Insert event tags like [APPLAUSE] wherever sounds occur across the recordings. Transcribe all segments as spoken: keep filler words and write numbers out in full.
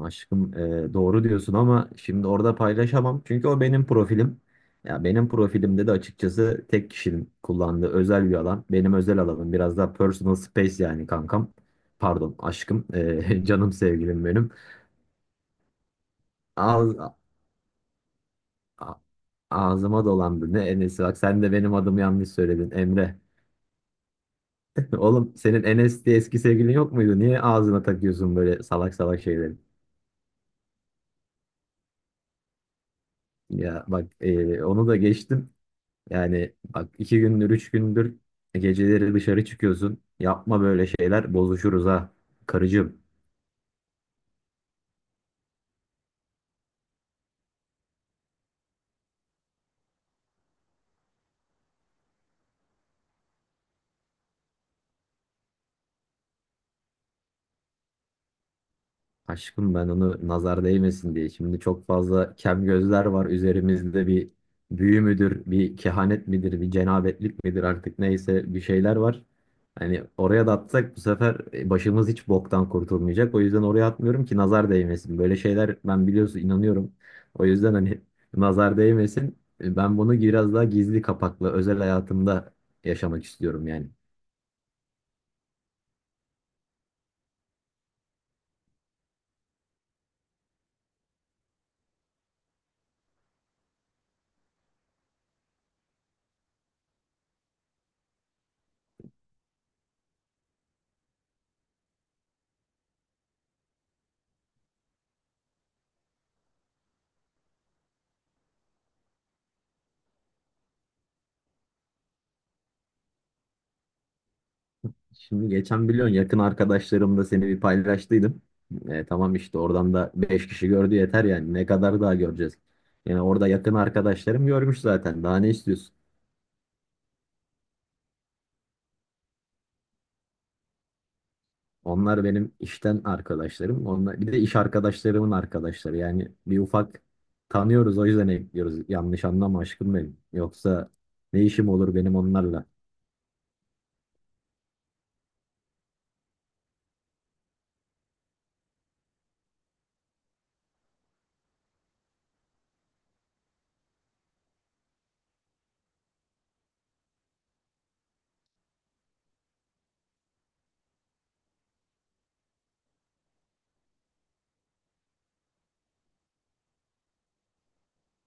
Aşkım e, doğru diyorsun ama şimdi orada paylaşamam. Çünkü o benim profilim. Ya benim profilimde de açıkçası tek kişinin kullandığı özel bir alan. Benim özel alanım biraz daha personal space yani kankam. Pardon aşkım. E, [LAUGHS] canım sevgilim benim. Ağz, a- Ağzıma dolandı. Ne Enes'i bak, sen de benim adımı yanlış söyledin Emre. [LAUGHS] Oğlum, senin Enes diye eski sevgilin yok muydu? Niye ağzına takıyorsun böyle salak salak şeyleri? Ya bak e, onu da geçtim. Yani bak iki gündür, üç gündür geceleri dışarı çıkıyorsun. Yapma böyle şeyler, bozuşuruz ha. Karıcığım. Aşkım, ben onu nazar değmesin diye. Şimdi çok fazla kem gözler var üzerimizde, bir büyü müdür, bir kehanet midir, bir cenabetlik midir artık neyse bir şeyler var. Hani oraya da atsak bu sefer e, başımız hiç boktan kurtulmayacak. O yüzden oraya atmıyorum ki nazar değmesin. Böyle şeyler ben biliyorsun inanıyorum. O yüzden hani [LAUGHS] nazar değmesin. E, Ben bunu biraz daha gizli kapaklı özel hayatımda yaşamak istiyorum yani. Şimdi geçen biliyorsun yakın arkadaşlarımla seni bir paylaştıydım. E, tamam işte oradan da beş kişi gördü, yeter yani. Ne kadar daha göreceğiz? Yani orada yakın arkadaşlarım görmüş zaten. Daha ne istiyorsun? Onlar benim işten arkadaşlarım. Onlar bir de iş arkadaşlarımın arkadaşları. Yani bir ufak tanıyoruz, o yüzden ekliyoruz. Yanlış anlama aşkım benim. Yoksa ne işim olur benim onlarla?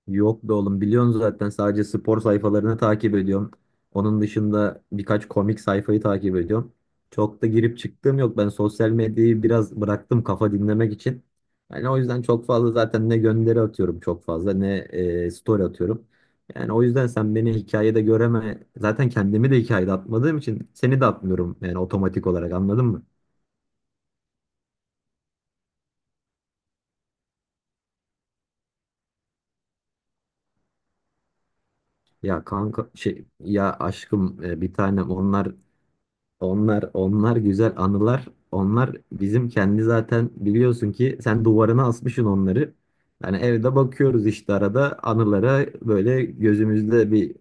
Yok be oğlum, biliyorsun zaten sadece spor sayfalarını takip ediyorum. Onun dışında birkaç komik sayfayı takip ediyorum. Çok da girip çıktığım yok. Ben sosyal medyayı biraz bıraktım kafa dinlemek için. Yani o yüzden çok fazla zaten ne gönderi atıyorum, çok fazla ne e, story atıyorum. Yani o yüzden sen beni hikayede göreme, zaten kendimi de hikayede atmadığım için seni de atmıyorum yani otomatik olarak. Anladın mı? Ya kanka şey ya aşkım e, bir tanem, onlar Onlar onlar güzel anılar. Onlar bizim kendi, zaten biliyorsun ki sen duvarına asmışsın onları. Yani evde bakıyoruz işte arada anılara, böyle gözümüzde bir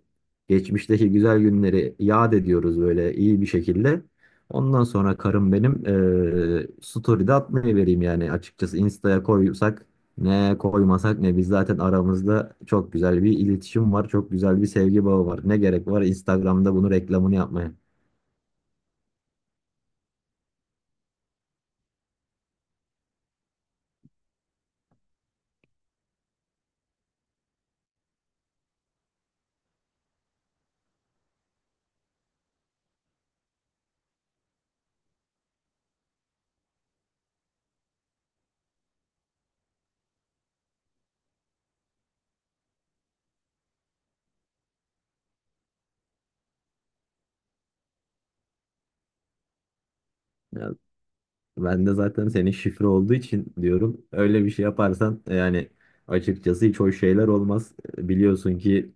geçmişteki güzel günleri yad ediyoruz böyle iyi bir şekilde. Ondan sonra karım benim eee story'de atmayı vereyim yani, açıkçası Insta'ya koysak ne, koymasak ne, biz zaten aramızda çok güzel bir iletişim var. Çok güzel bir sevgi bağı var. Ne gerek var Instagram'da bunu reklamını yapmaya. Ben de zaten senin şifre olduğu için diyorum. Öyle bir şey yaparsan e, yani açıkçası hiç hoş şeyler olmaz. E, Biliyorsun ki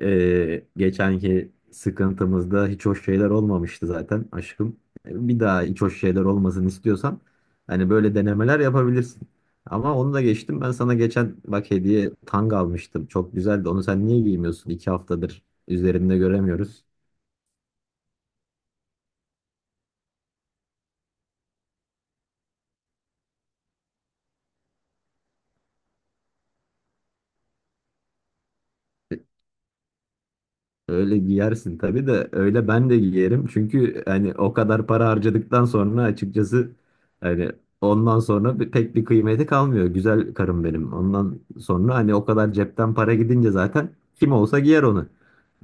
e, geçenki sıkıntımızda hiç hoş şeyler olmamıştı zaten aşkım. E, Bir daha hiç hoş şeyler olmasını istiyorsan hani böyle denemeler yapabilirsin. Ama onu da geçtim. Ben sana geçen bak hediye tanga almıştım. Çok güzeldi. Onu sen niye giymiyorsun? İki haftadır üzerinde göremiyoruz. Öyle giyersin tabii de öyle ben de giyerim. Çünkü hani o kadar para harcadıktan sonra açıkçası hani ondan sonra bir- pek bir kıymeti kalmıyor. Güzel karım benim. Ondan sonra hani o kadar cepten para gidince zaten kim olsa giyer onu.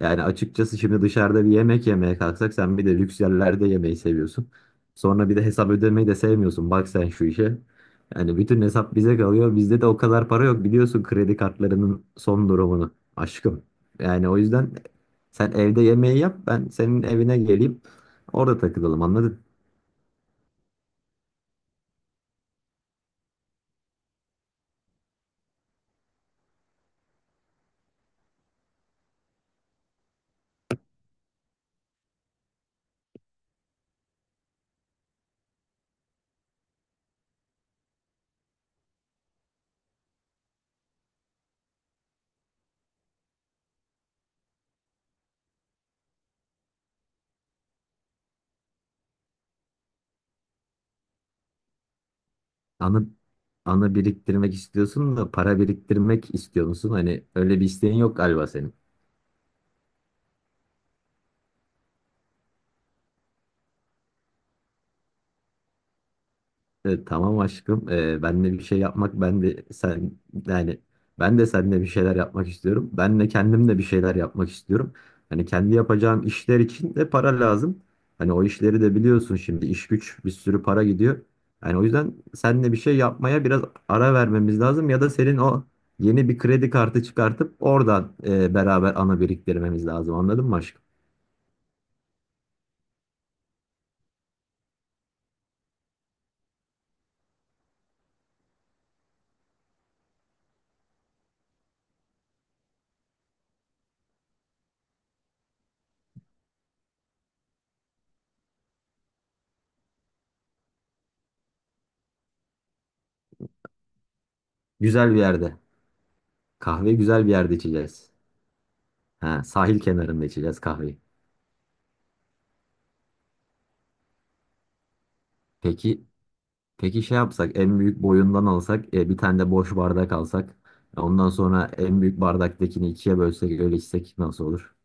Yani açıkçası şimdi dışarıda bir yemek yemeye kalksak, sen bir de lüks yerlerde yemeyi seviyorsun. Sonra bir de hesap ödemeyi de sevmiyorsun. Bak sen şu işe. Yani bütün hesap bize kalıyor. Bizde de o kadar para yok, biliyorsun kredi kartlarının son durumunu aşkım. Yani o yüzden sen evde yemeği yap, ben senin evine geleyim. Orada takılalım. Anladın? Anı, anı, biriktirmek istiyorsun da para biriktirmek istiyor musun? Hani öyle bir isteğin yok galiba senin. Evet, tamam aşkım. Ee, benle bir şey yapmak, ben de sen, yani ben de seninle bir şeyler yapmak istiyorum. Ben de kendim de bir şeyler yapmak istiyorum. Hani kendi yapacağım işler için de para lazım. Hani o işleri de biliyorsun, şimdi iş güç bir sürü para gidiyor. Yani o yüzden seninle bir şey yapmaya biraz ara vermemiz lazım, ya da senin o yeni bir kredi kartı çıkartıp oradan e, beraber ana biriktirmemiz lazım. Anladın mı aşkım? Güzel bir yerde. Kahve güzel bir yerde içeceğiz. Ha, sahil kenarında içeceğiz kahveyi. Peki. Peki Şey yapsak, en büyük boyundan alsak, e, bir tane de boş bardak alsak. E, Ondan sonra en büyük bardaktakini ikiye bölsek, öyle içsek nasıl olur?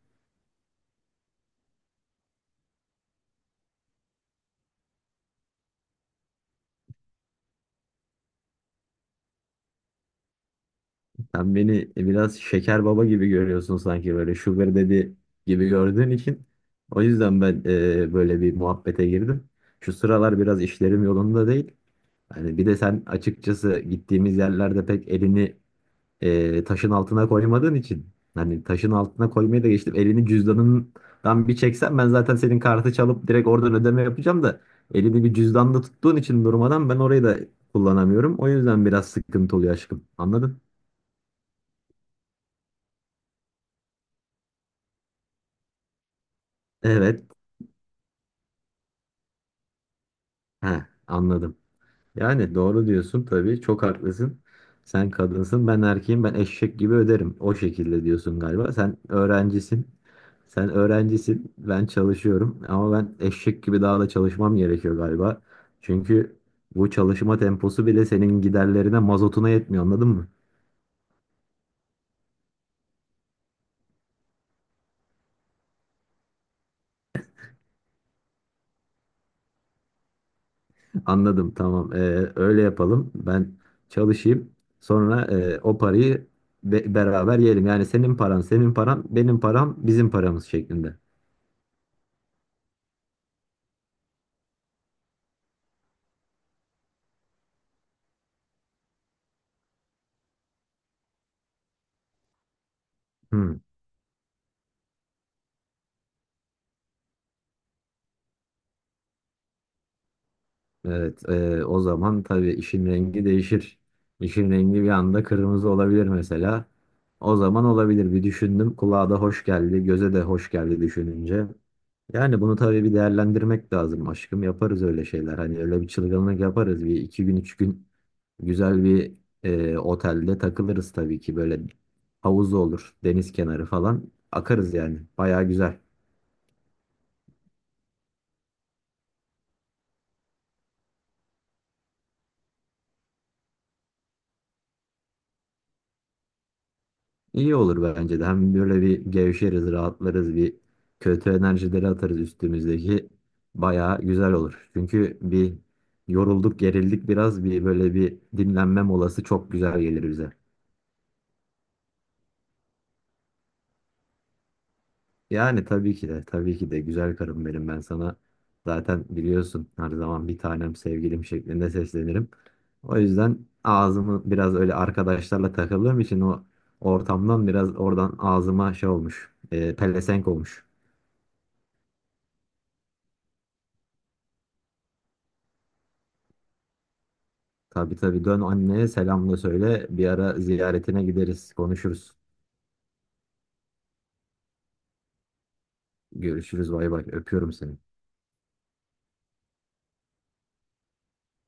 Sen beni e, biraz şeker baba gibi görüyorsun sanki, böyle sugar daddy gibi gördüğün için. O yüzden ben e, böyle bir muhabbete girdim. Şu sıralar biraz işlerim yolunda değil. Hani bir de sen açıkçası gittiğimiz yerlerde pek elini e, taşın altına koymadığın için. Hani taşın altına koymayı da geçtim. Elini cüzdanından bir çeksen, ben zaten senin kartı çalıp direkt oradan ödeme yapacağım da, elini bir cüzdanda tuttuğun için durmadan, ben orayı da kullanamıyorum. O yüzden biraz sıkıntı oluyor aşkım. Anladın? Evet. He, anladım. Yani doğru diyorsun tabii. Çok haklısın. Sen kadınsın, ben erkeğim, ben eşek gibi öderim. O şekilde diyorsun galiba. Sen öğrencisin. Sen öğrencisin, ben çalışıyorum ama ben eşek gibi daha da çalışmam gerekiyor galiba. Çünkü bu çalışma temposu bile senin giderlerine, mazotuna yetmiyor, anladın mı? Anladım, tamam. Ee, öyle yapalım. Ben çalışayım. Sonra e, o parayı be- beraber yiyelim. Yani senin paran, senin paran, benim param, bizim paramız şeklinde. Hmm. Evet, e, o zaman tabii işin rengi değişir. İşin rengi bir anda kırmızı olabilir mesela. O zaman olabilir. Bir düşündüm. Kulağa da hoş geldi, göze de hoş geldi düşününce. Yani bunu tabii bir değerlendirmek lazım aşkım. Yaparız öyle şeyler. Hani öyle bir çılgınlık yaparız. Bir iki gün, üç gün güzel bir e, otelde takılırız tabii ki. Böyle havuz olur, deniz kenarı falan. Akarız yani. Bayağı güzel. İyi olur bence de. Hem böyle bir gevşeriz, rahatlarız, bir kötü enerjileri atarız üstümüzdeki. Bayağı güzel olur. Çünkü bir yorulduk, gerildik biraz. Bir böyle bir dinlenme molası çok güzel gelir bize. Yani tabii ki de, tabii ki de güzel karım benim. Ben sana zaten biliyorsun her zaman bir tanem, sevgilim şeklinde seslenirim. O yüzden ağzımı biraz öyle arkadaşlarla takıldığım için, o ortamdan biraz, oradan ağzıma şey olmuş, e, pelesenk olmuş. Tabii tabii, dön anneye, selamla söyle. Bir ara ziyaretine gideriz, konuşuruz. Görüşürüz, bay bay. Öpüyorum seni.